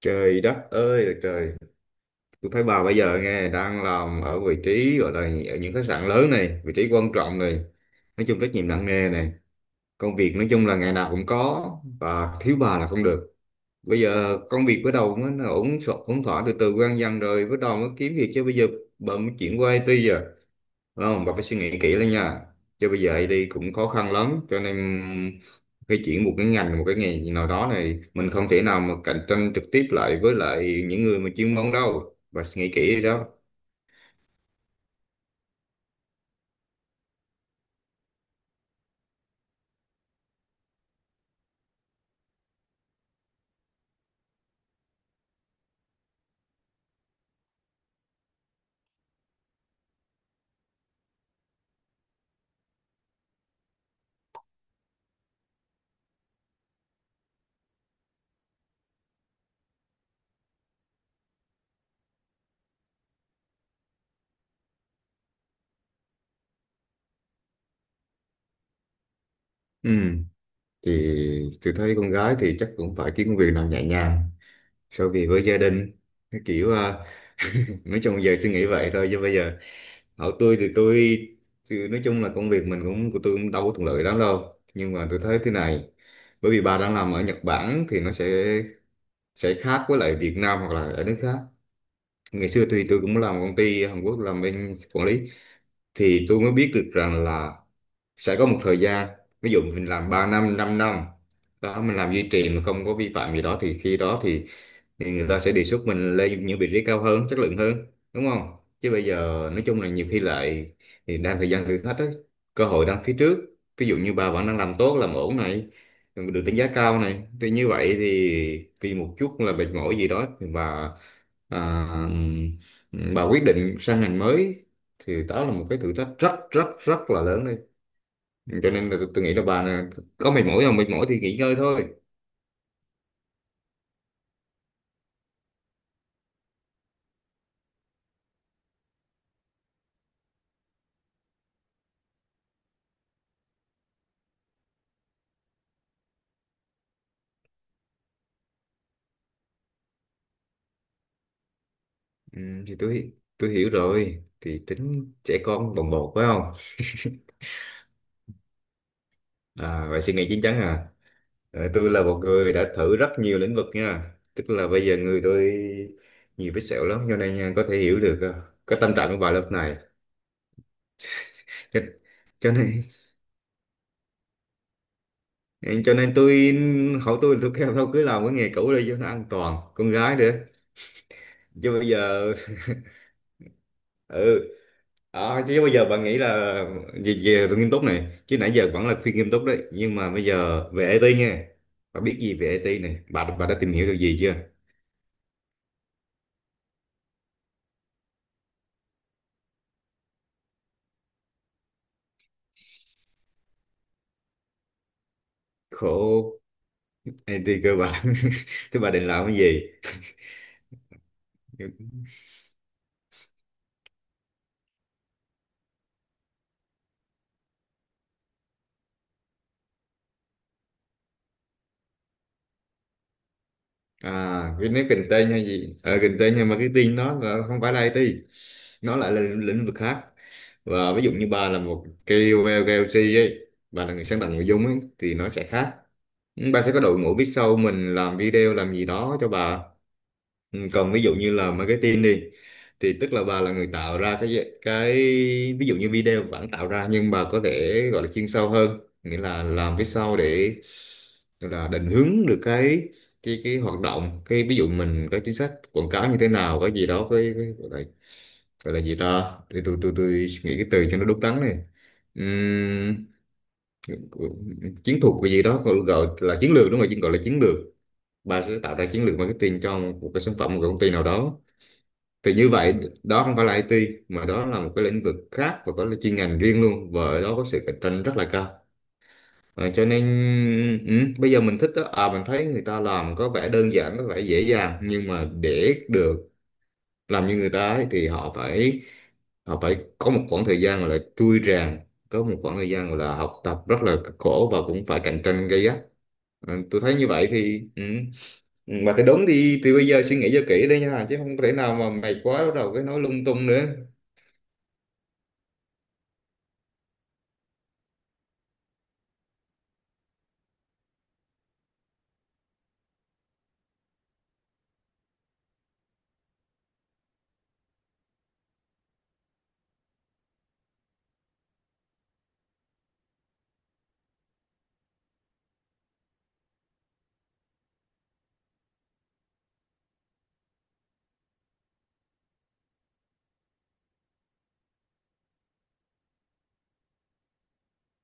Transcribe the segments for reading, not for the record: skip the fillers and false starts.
Trời đất ơi là trời, tôi thấy bà bây giờ nghe đang làm ở vị trí gọi là ở những khách sạn lớn này, vị trí quan trọng này, nói chung trách nhiệm nặng nề này, công việc nói chung là ngày nào cũng có và thiếu bà là không được. Bây giờ công việc bắt đầu mới nó ổn thỏa từ từ quen dần rồi, bắt đầu mới kiếm việc chứ bây giờ bà mới chuyển qua IT giờ. Đúng không? Bà phải suy nghĩ kỹ lên nha. Chứ bây giờ IT cũng khó khăn lắm, cho nên cái chuyển một cái ngành, một cái nghề gì nào đó này, mình không thể nào mà cạnh tranh trực tiếp lại với lại những người mà chuyên môn đâu. Bà suy nghĩ kỹ đi đó. Ừ. Thì tôi thấy con gái thì chắc cũng phải kiếm công việc nào nhẹ nhàng, sau vì với gia đình, cái kiểu à, nói chung giờ suy nghĩ vậy thôi chứ bây giờ hỏi tôi thì nói chung là công việc mình cũng của tôi cũng đâu có thuận lợi lắm đâu, nhưng mà tôi thấy thế này: bởi vì bà đang làm ở Nhật Bản thì nó sẽ khác với lại Việt Nam hoặc là ở nước khác. Ngày xưa thì tôi cũng làm công ty Hàn Quốc làm bên quản lý, thì tôi mới biết được rằng là sẽ có một thời gian, ví dụ mình làm 3 năm 5 năm đó mình làm duy trì mà không có vi phạm gì đó, thì khi đó thì người ta sẽ đề xuất mình lên những vị trí cao hơn chất lượng hơn, đúng không? Chứ bây giờ nói chung là nhiều khi lại thì đang thời gian thử thách ấy, cơ hội đang phía trước, ví dụ như bà vẫn đang làm tốt làm ổn này được đánh giá cao này, thì như vậy thì vì một chút là mệt mỏi gì đó thì bà à, bà quyết định sang ngành mới, thì đó là một cái thử thách rất rất rất là lớn đấy. Cho nên là tôi nghĩ là bà nè, có mệt mỏi không mệt mỏi thì nghỉ ngơi thôi. Ừ, thì tôi hiểu rồi, thì tính trẻ con bồng bột phải không, à, vậy suy nghĩ chín chắn à. Ờ, tôi là một người đã thử rất nhiều lĩnh vực nha, tức là bây giờ người tôi nhiều vết sẹo lắm, cho nên nha, có thể hiểu được cái tâm trạng của bà lúc này. Cho, cho nên cho nên tôi hỏi tôi kêu thôi cứ làm cái nghề cũ đi cho nó an toàn, con gái nữa, chứ bây giờ ừ. Ờ, chứ bây giờ bạn nghĩ là về, về nghiêm túc này chứ nãy giờ vẫn là khuyên nghiêm túc đấy, nhưng mà bây giờ về IT nha. Bạn biết gì về IT này, bà đã tìm hiểu được gì chưa? Khổ. IT cơ bản thế bà định làm cái gì? À cái nếu kinh tế hay gì kinh tế, nhưng mà cái tin nó là không phải là IT, nó lại là lĩnh lĩnh vực khác. Và ví dụ như bà là một KOL KOC ấy, bà là người sáng tạo nội dung ấy thì nó sẽ khác, bà sẽ có đội ngũ biết sau mình làm video làm gì đó cho bà. Ừ, còn ví dụ như là marketing đi, thì tức là bà là người tạo ra cái ví dụ như video vẫn tạo ra, nhưng bà có thể gọi là chuyên sâu hơn, nghĩa là làm phía sau để gọi là định hướng được cái cái hoạt động, cái ví dụ mình có chính sách quảng cáo như thế nào, cái gì đó, gọi là gì ta, tôi suy nghĩ cái từ cho nó đúng đắn này. Ừm, chiến thuật cái gì đó, gọi gọi là chiến lược đúng rồi, chứ gọi là chiến lược, bà sẽ tạo ra chiến lược marketing cho một cái sản phẩm một cái công ty nào đó, thì như vậy đó không phải là IT mà đó là một cái lĩnh vực khác và có cái chuyên ngành riêng luôn, và ở đó có sự cạnh tranh rất là cao. Ờ, cho nên ừ, bây giờ mình thích đó, à mình thấy người ta làm có vẻ đơn giản có vẻ dễ dàng, nhưng mà để được làm như người ta ấy, thì họ phải có một khoảng thời gian gọi là trui rèn, có một khoảng thời gian gọi là học tập rất là cực khổ và cũng phải cạnh tranh gay gắt. Ờ, tôi thấy như vậy thì ừ. Ừ, mà cái đúng thì bây giờ suy nghĩ cho kỹ đấy nha, chứ không thể nào mà mày quá bắt đầu cái nói lung tung nữa.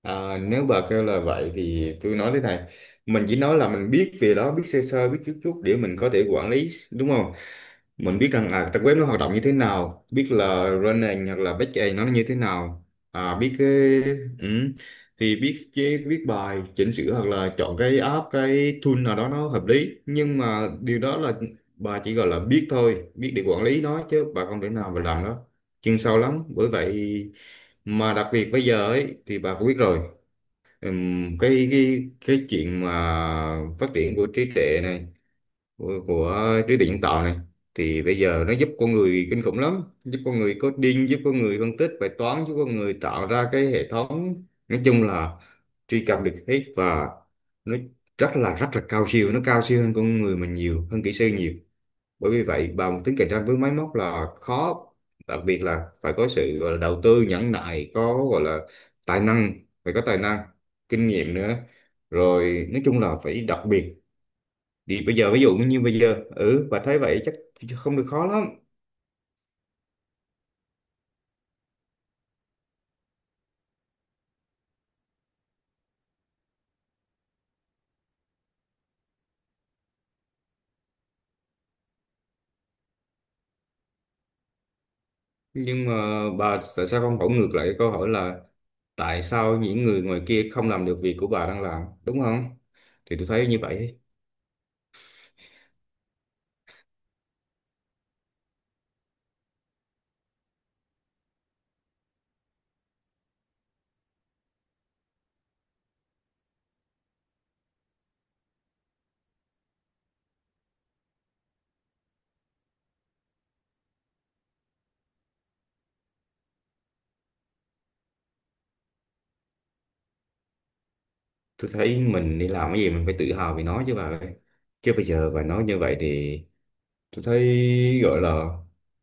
À, nếu bà kêu là vậy thì tôi nói thế này: mình chỉ nói là mình biết về đó, biết sơ sơ biết chút chút để mình có thể quản lý đúng không. Mình biết rằng à, trang web nó hoạt động như thế nào, biết là frontend hoặc là backend nó như thế nào, à, biết cái ừ, thì biết viết bài chỉnh sửa hoặc là chọn cái app cái tool nào đó nó hợp lý, nhưng mà điều đó là bà chỉ gọi là biết thôi, biết để quản lý nó chứ bà không thể nào mà làm đó chuyên sâu lắm, bởi vậy mà đặc biệt bây giờ ấy thì bà cũng biết rồi. Ừm, cái chuyện mà phát triển của trí tuệ này, của trí tuệ nhân tạo này, thì bây giờ nó giúp con người kinh khủng lắm, giúp con người coding, giúp con người phân tích bài toán, giúp con người tạo ra cái hệ thống, nói chung là truy cập được hết, và nó rất là cao siêu, nó cao siêu hơn con người mình nhiều, hơn kỹ sư nhiều, bởi vì vậy bằng tính cạnh tranh với máy móc là khó, đặc biệt là phải có sự gọi là đầu tư nhẫn nại, có gọi là tài năng, phải có tài năng, kinh nghiệm nữa, rồi nói chung là phải đặc biệt. Thì bây giờ ví dụ như bây giờ ừ bà thấy vậy chắc không được, khó lắm. Nhưng mà bà tại sao không hỏi ngược lại cái câu hỏi là tại sao những người ngoài kia không làm được việc của bà đang làm, đúng không? Thì tôi thấy như vậy. Tôi thấy mình đi làm cái gì mình phải tự hào vì nó chứ bà ơi, chứ bây giờ bà nói như vậy thì tôi thấy gọi là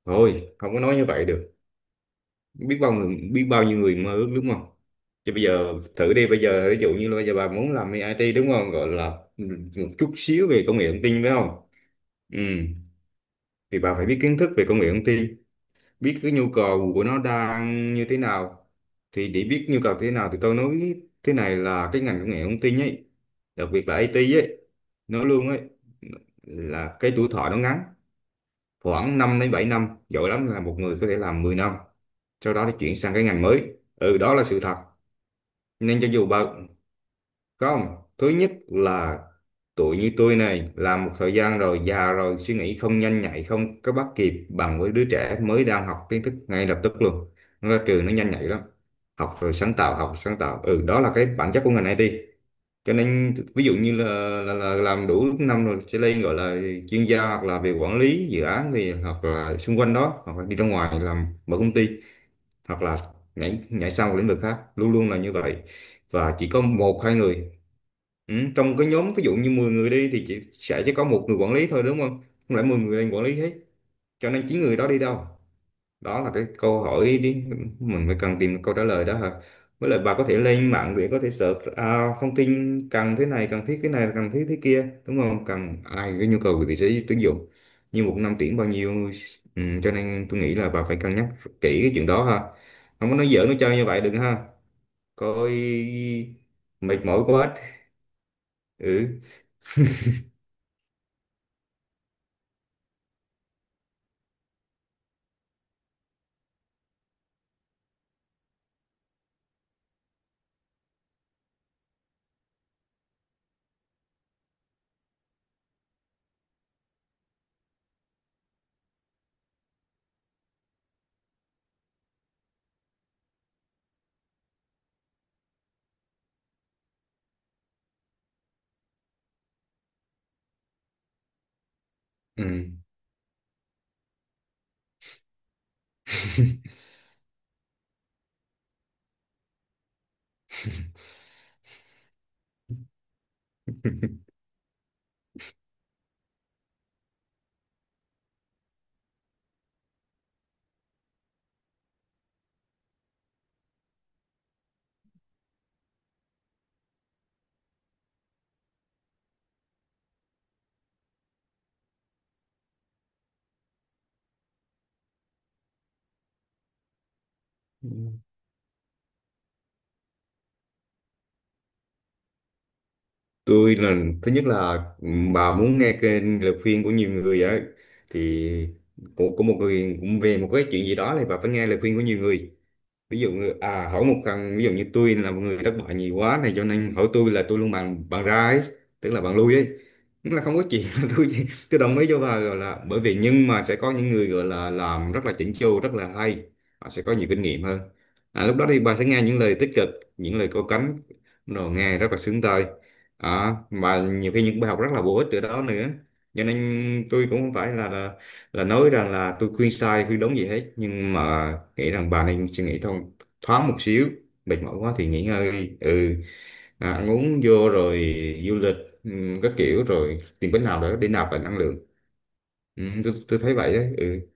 thôi không có nói như vậy được, biết bao người biết bao nhiêu người mơ ước đúng không. Chứ bây giờ thử đi, bây giờ ví dụ như là bây giờ bà muốn làm IT đúng không, gọi là một chút xíu về công nghệ thông tin phải không. Ừ. Thì bà phải biết kiến thức về công nghệ thông tin, biết cái nhu cầu của nó đang như thế nào. Thì để biết nhu cầu thế nào thì tôi nói thế này: là cái ngành công nghệ thông tin ấy, đặc biệt là IT ấy, nó luôn ấy là cái tuổi thọ nó ngắn, khoảng 5 đến 7 năm, giỏi lắm là một người có thể làm 10 năm, sau đó thì chuyển sang cái ngành mới, ừ đó là sự thật. Nên cho dù bận không, thứ nhất là tuổi như tôi này làm một thời gian rồi già rồi suy nghĩ không nhanh nhạy, không có bắt kịp bằng với đứa trẻ mới đang học kiến thức ngay lập tức luôn, nó ra trường nó nhanh nhạy lắm, học rồi sáng tạo học sáng tạo, ừ đó là cái bản chất của ngành IT. Cho nên ví dụ như là làm đủ năm rồi sẽ lên gọi là chuyên gia, hoặc là về quản lý dự án, thì hoặc là xung quanh đó, hoặc là đi ra ngoài làm mở công ty, hoặc là nhảy nhảy sang một lĩnh vực khác, luôn luôn là như vậy. Và chỉ có một hai người ừ, trong cái nhóm ví dụ như 10 người đi thì chỉ có một người quản lý thôi, đúng không, không lẽ 10 người lên quản lý hết. Cho nên 9 người đó đi đâu, đó là cái câu hỏi đi, mình phải cần tìm câu trả lời đó hả. Với lại bà có thể lên mạng để có thể search à, thông tin cần thế này cần thiết thế này cần thiết thế kia, đúng không, cần ai cái nhu cầu về vị trí tuyển dụng như một năm tuyển bao nhiêu. Ừ, cho nên tôi nghĩ là bà phải cân nhắc kỹ cái chuyện đó ha, không có nói giỡn nói chơi như vậy đừng ha coi, mệt mỏi quá. Ừ, ừ. Tôi là thứ nhất là bà muốn nghe kênh lời khuyên của nhiều người á, thì của một người cũng về một cái chuyện gì đó thì bà phải nghe lời khuyên của nhiều người. Ví dụ à hỏi một thằng ví dụ như tôi là một người thất bại nhiều quá này cho nên hỏi tôi là tôi luôn bàn bàn ra ấy, tức là bàn lui ấy. Tức là không có chuyện là tôi đồng ý cho bà gọi là, bởi vì nhưng mà sẽ có những người gọi là làm rất là chỉnh chu rất là hay, họ sẽ có nhiều kinh nghiệm hơn. À, lúc đó thì bà sẽ nghe những lời tích cực, những lời có cánh, rồi nghe rất là sướng tai, à, mà nhiều khi những bài học rất là bổ ích từ đó nữa. Cho nên tôi cũng không phải là, là nói rằng là tôi khuyên sai khuyên đúng gì hết, nhưng mà nghĩ rằng bà nên suy nghĩ thông thoáng một xíu, mệt mỏi quá thì nghỉ ngơi đi. Ừ à, ăn uống vô rồi du lịch ừ, các kiểu, rồi tìm cách nào đó để nạp lại năng lượng. Ừ, tôi thấy vậy đấy ừ.